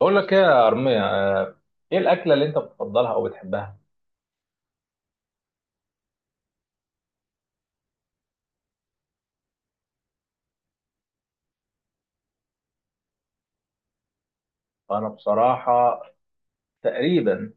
بقول لك ايه يا أرمية آه، ايه الأكلة اللي انت بتفضلها او بتحبها؟ انا بصراحة تقريبا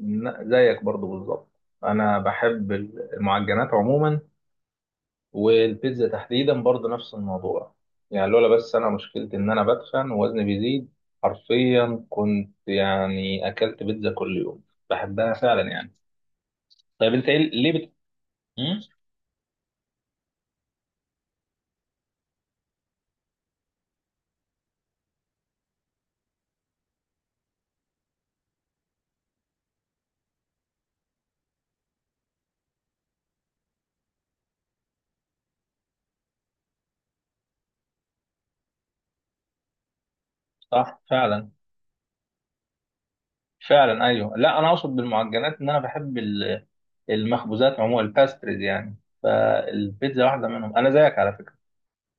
زيك برضو بالظبط. انا بحب المعجنات عموما، والبيتزا تحديدا برضو نفس الموضوع. يعني لولا بس انا مشكلتي ان انا بتخن ووزني بيزيد، حرفيا كنت يعني اكلت بيتزا كل يوم. بحبها فعلا يعني. طيب انت ليه بت... مم؟ صح فعلا. فعلا ايوه، لا انا اقصد بالمعجنات ان انا بحب المخبوزات عموما، الباستريز يعني. فالبيتزا واحده منهم، انا زيك على فكره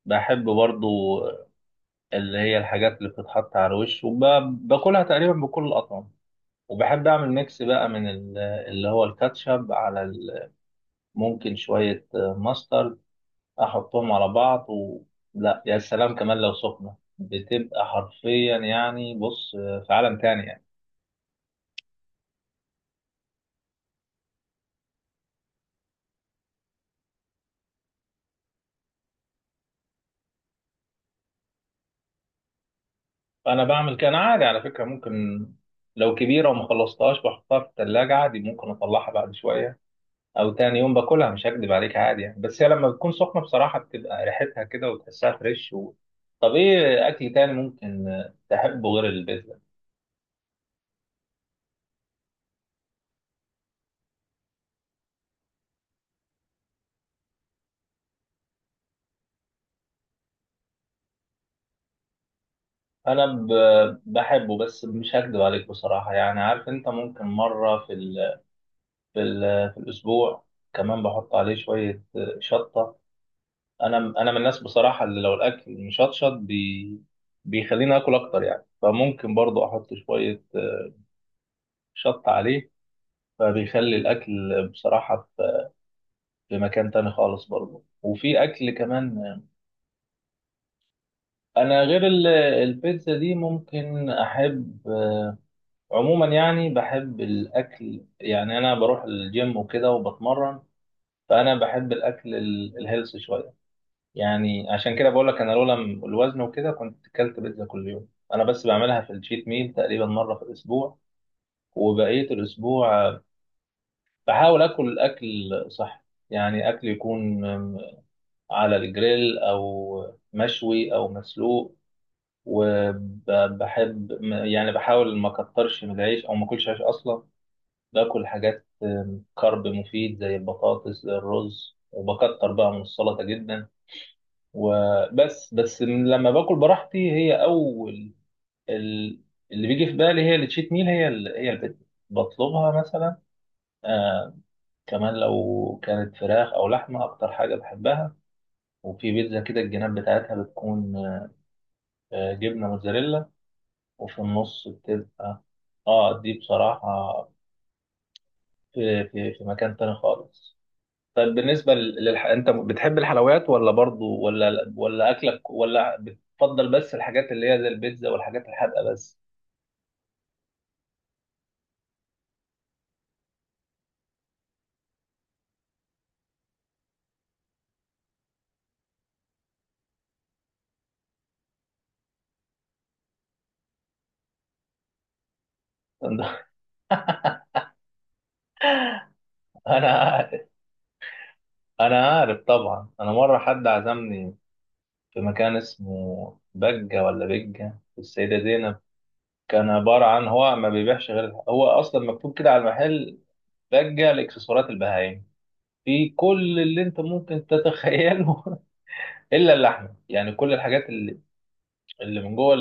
بحب برضو، اللي هي الحاجات اللي بتتحط على الوش وباكلها تقريبا بكل الاطعمه. وبحب اعمل ميكس بقى من اللي هو الكاتشب على ممكن شويه ماسترد، احطهم على بعض و... لا يا سلام، كمان لو سخنه بتبقى حرفيا، يعني بص في عالم تاني يعني. انا بعمل كده، انا عادي على فكره. ممكن لو كبيره وما خلصتهاش بحطها في الثلاجه عادي، ممكن اطلعها بعد شويه او تاني يوم باكلها، مش هكدب عليك عادي يعني. بس هي لما بتكون سخنه بصراحه بتبقى ريحتها كده وتحسها فريش و... طب ايه اكل تاني ممكن تحبه غير البيتزا؟ انا ب... بحبه، بس مش هكدب عليك بصراحه يعني. عارف انت ممكن مره في في, في الاسبوع، كمان بحط عليه شويه شطه. انا من الناس بصراحه اللي لو الاكل مشطشط بيخليني اكل اكتر يعني. فممكن برضو احط شويه شط عليه، فبيخلي الاكل بصراحه في في مكان تاني خالص برضو. وفي اكل كمان، انا غير البيتزا دي ممكن احب عموما يعني. بحب الاكل يعني، انا بروح الجيم وكده وبتمرن، فانا بحب الاكل الهيلث شويه. يعني عشان كده بقول لك انا لولا الوزن وكده كنت اكلت بيتزا كل يوم. انا بس بعملها في الشيت ميل تقريبا مره في الاسبوع، وبقيه الاسبوع بحاول اكل اكل صحي. يعني اكل يكون على الجريل او مشوي او مسلوق. وبحب يعني بحاول ما اكترش من العيش او ما اكلش عيش اصلا، باكل حاجات كارب مفيد زي البطاطس، زي الرز، وبكتر بقى من السلطه جدا. وبس من لما باكل براحتي، هي اول ال- اللي بيجي في بالي هي التشيت ميل، هي هي البيتزا، بطلبها مثلا. آه، كمان لو كانت فراخ او لحمه اكتر حاجه بحبها. وفي بيتزا كده الجناب بتاعتها بتكون آه جبنه موتزاريلا، وفي النص بتبقى اه دي بصراحه في في مكان تاني خالص. طيب بالنسبة انت بتحب الحلويات ولا برضو، ولا ولا اكلك ولا بتفضل بس الحاجات اللي هي زي البيتزا والحاجات الحادقة بس؟ انا عارف. انا عارف طبعا. انا مرة حد عزمني في مكان اسمه بجة، ولا بجة في السيدة زينب، كان عبارة عن هو ما بيبيعش غير، هو اصلا مكتوب كده على المحل بجة لاكسسوارات البهايم، في كل اللي انت ممكن تتخيله الا اللحمه يعني. كل الحاجات اللي اللي من جوه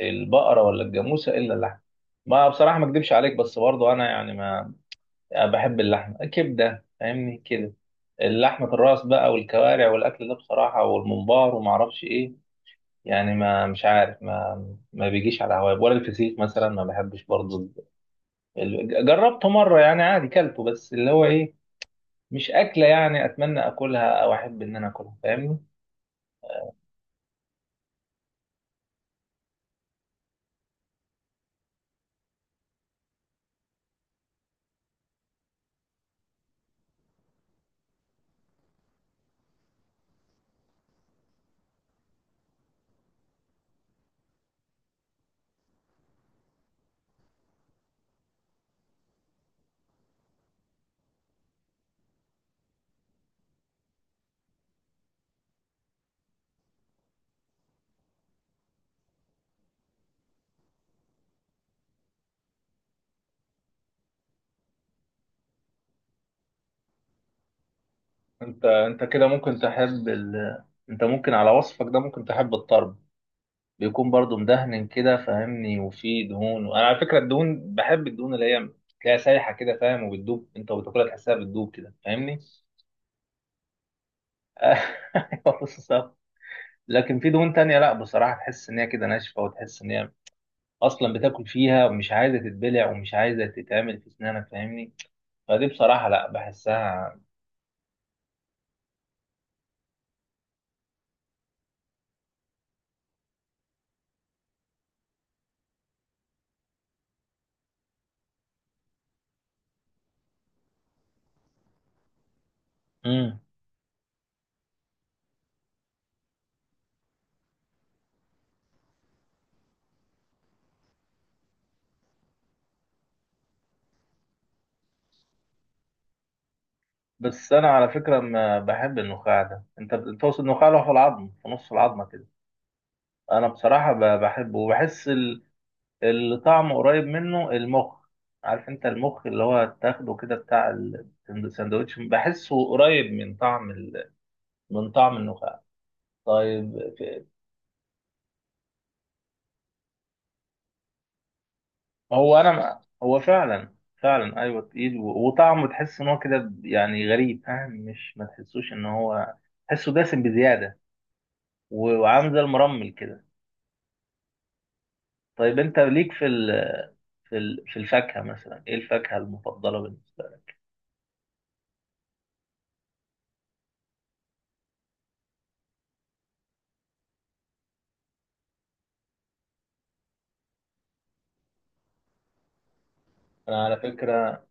البقرة ولا الجاموسة إلا اللحم. ما بصراحة ما أكدبش عليك، بس برضو أنا يعني ما بحب اللحمة كبدة فاهمني كده، اللحمة الراس بقى والكوارع والأكل ده بصراحة والممبار وما أعرفش إيه. يعني ما مش عارف، ما ما بيجيش على هواي. ولا الفسيخ مثلا ما بحبش برضو، جربته مرة يعني عادي كلته بس اللي هو إيه، مش أكلة يعني أتمنى أكلها أو أحب إن أنا أكلها، فاهمني. أنت كده ممكن تحب أنت ممكن على وصفك ده ممكن تحب الطرب، بيكون برضو مدهن كده فاهمني وفيه دهون. وانا على فكره الدهون، بحب الدهون اللي هي تلاقيها سايحه كده فاهم، وبتدوب انت وبتاكلها تحسها بتدوب كده فاهمني. ايوه بالظبط. لكن في دهون تانية لا بصراحه، تحس ان هي كده ناشفه وتحس ان هي اصلا بتاكل فيها ومش عايزه تتبلع ومش عايزه تتعمل في اسنانك فاهمني. فدي بصراحه لا بحسها. امم. بس انا على فكره ما بحب النخاع ده، انت بتوصل النخاع له في العظم في نص العظمه كده، انا بصراحه بحبه، وبحس اللي طعمه قريب منه المخ. عارف انت المخ اللي هو تاخده كده بتاع السندوتش، بحسه قريب من طعم من طعم النخاع. طيب هو انا ما... هو فعلا فعلا ايوه تقيل و... وطعمه تحس ان هو كده يعني غريب فاهم، مش ما تحسوش ان هو تحسه دسم بزياده و... وعامل زي المرمل كده. طيب انت ليك في في في الفاكهه مثلا، ايه الفاكهه المفضله بالنسبه لك؟ انا على فكره،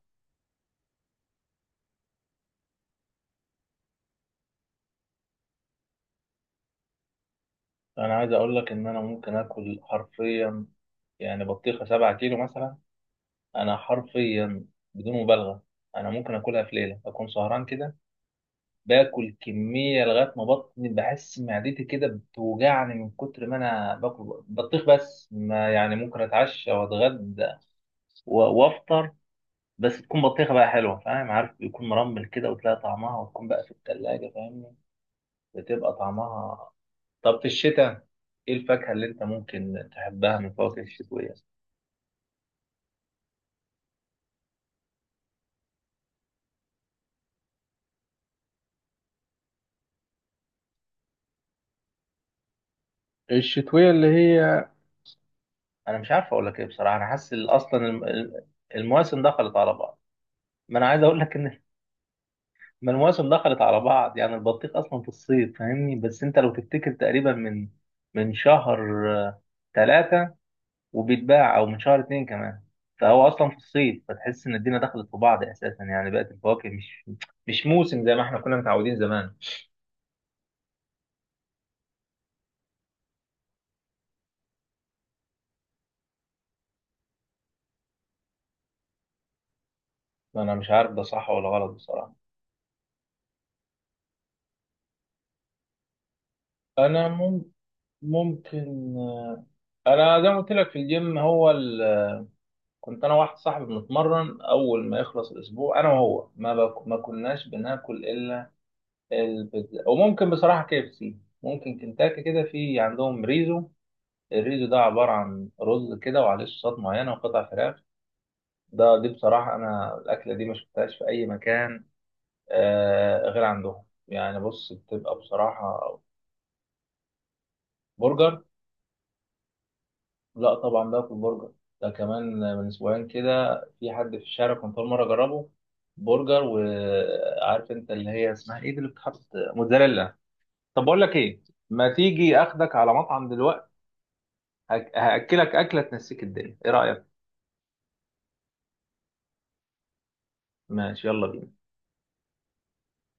انا عايز اقول لك ان انا ممكن اكل حرفيا يعني بطيخة 7 كيلو مثلا. أنا حرفيا بدون مبالغة أنا ممكن آكلها في ليلة أكون سهران كده، باكل كمية لغاية ما بطني بحس معدتي كده بتوجعني من كتر ما أنا باكل بطيخ. بس ما يعني ممكن أتعشى وأتغدى وأفطر، بس تكون بطيخة بقى حلوة فاهم، عارف يكون مرمل كده وتلاقي طعمها وتكون بقى في التلاجة فاهمني، بتبقى طعمها. طب في الشتاء إيه الفاكهة اللي أنت ممكن تحبها من الفواكه الشتوية؟ الشتوية اللي هي انا مش عارف اقول لك ايه بصراحه. انا حاسس اصلا المواسم دخلت على بعض. ما انا عايز اقول لك ان ما المواسم دخلت على بعض يعني، البطيخ اصلا في الصيف فاهمني. بس انت لو تفتكر تقريبا من شهر 3 وبيتباع، او من شهر 2 كمان، فهو اصلا في الصيف، فتحس ان الدنيا دخلت في بعض اساسا يعني. بقت الفواكه مش موسم زي ما احنا كنا متعودين زمان. انا مش عارف ده صح ولا غلط بصراحه. انا مم- ممكن انا زي ما قلت لك في الجيم. هو كنت انا واحد صاحبي بنتمرن، اول ما يخلص الاسبوع انا وهو ما كناش بناكل الا البيتزا، وممكن بصراحه KFC. ممكن كنتاكي كده في عندهم ريزو، الريزو ده عباره عن رز كده وعليه صوصات معينه وقطع فراخ. دي بصراحه انا الاكله دي ما شفتهاش في اي مكان آه غير عندهم. يعني بص بتبقى بصراحه برجر. لا طبعا ده في البرجر، ده كمان من اسبوعين كده في حد في الشارع كنت اول مره اجربه برجر، وعارف انت اللي هي اسمها ايه دي اللي بتحط موتزاريلا. طب بقول لك ايه، ما تيجي اخدك على مطعم دلوقتي، هاكلك اكله تنسيك الدنيا، ايه رايك؟ ماشي، يلا بينا.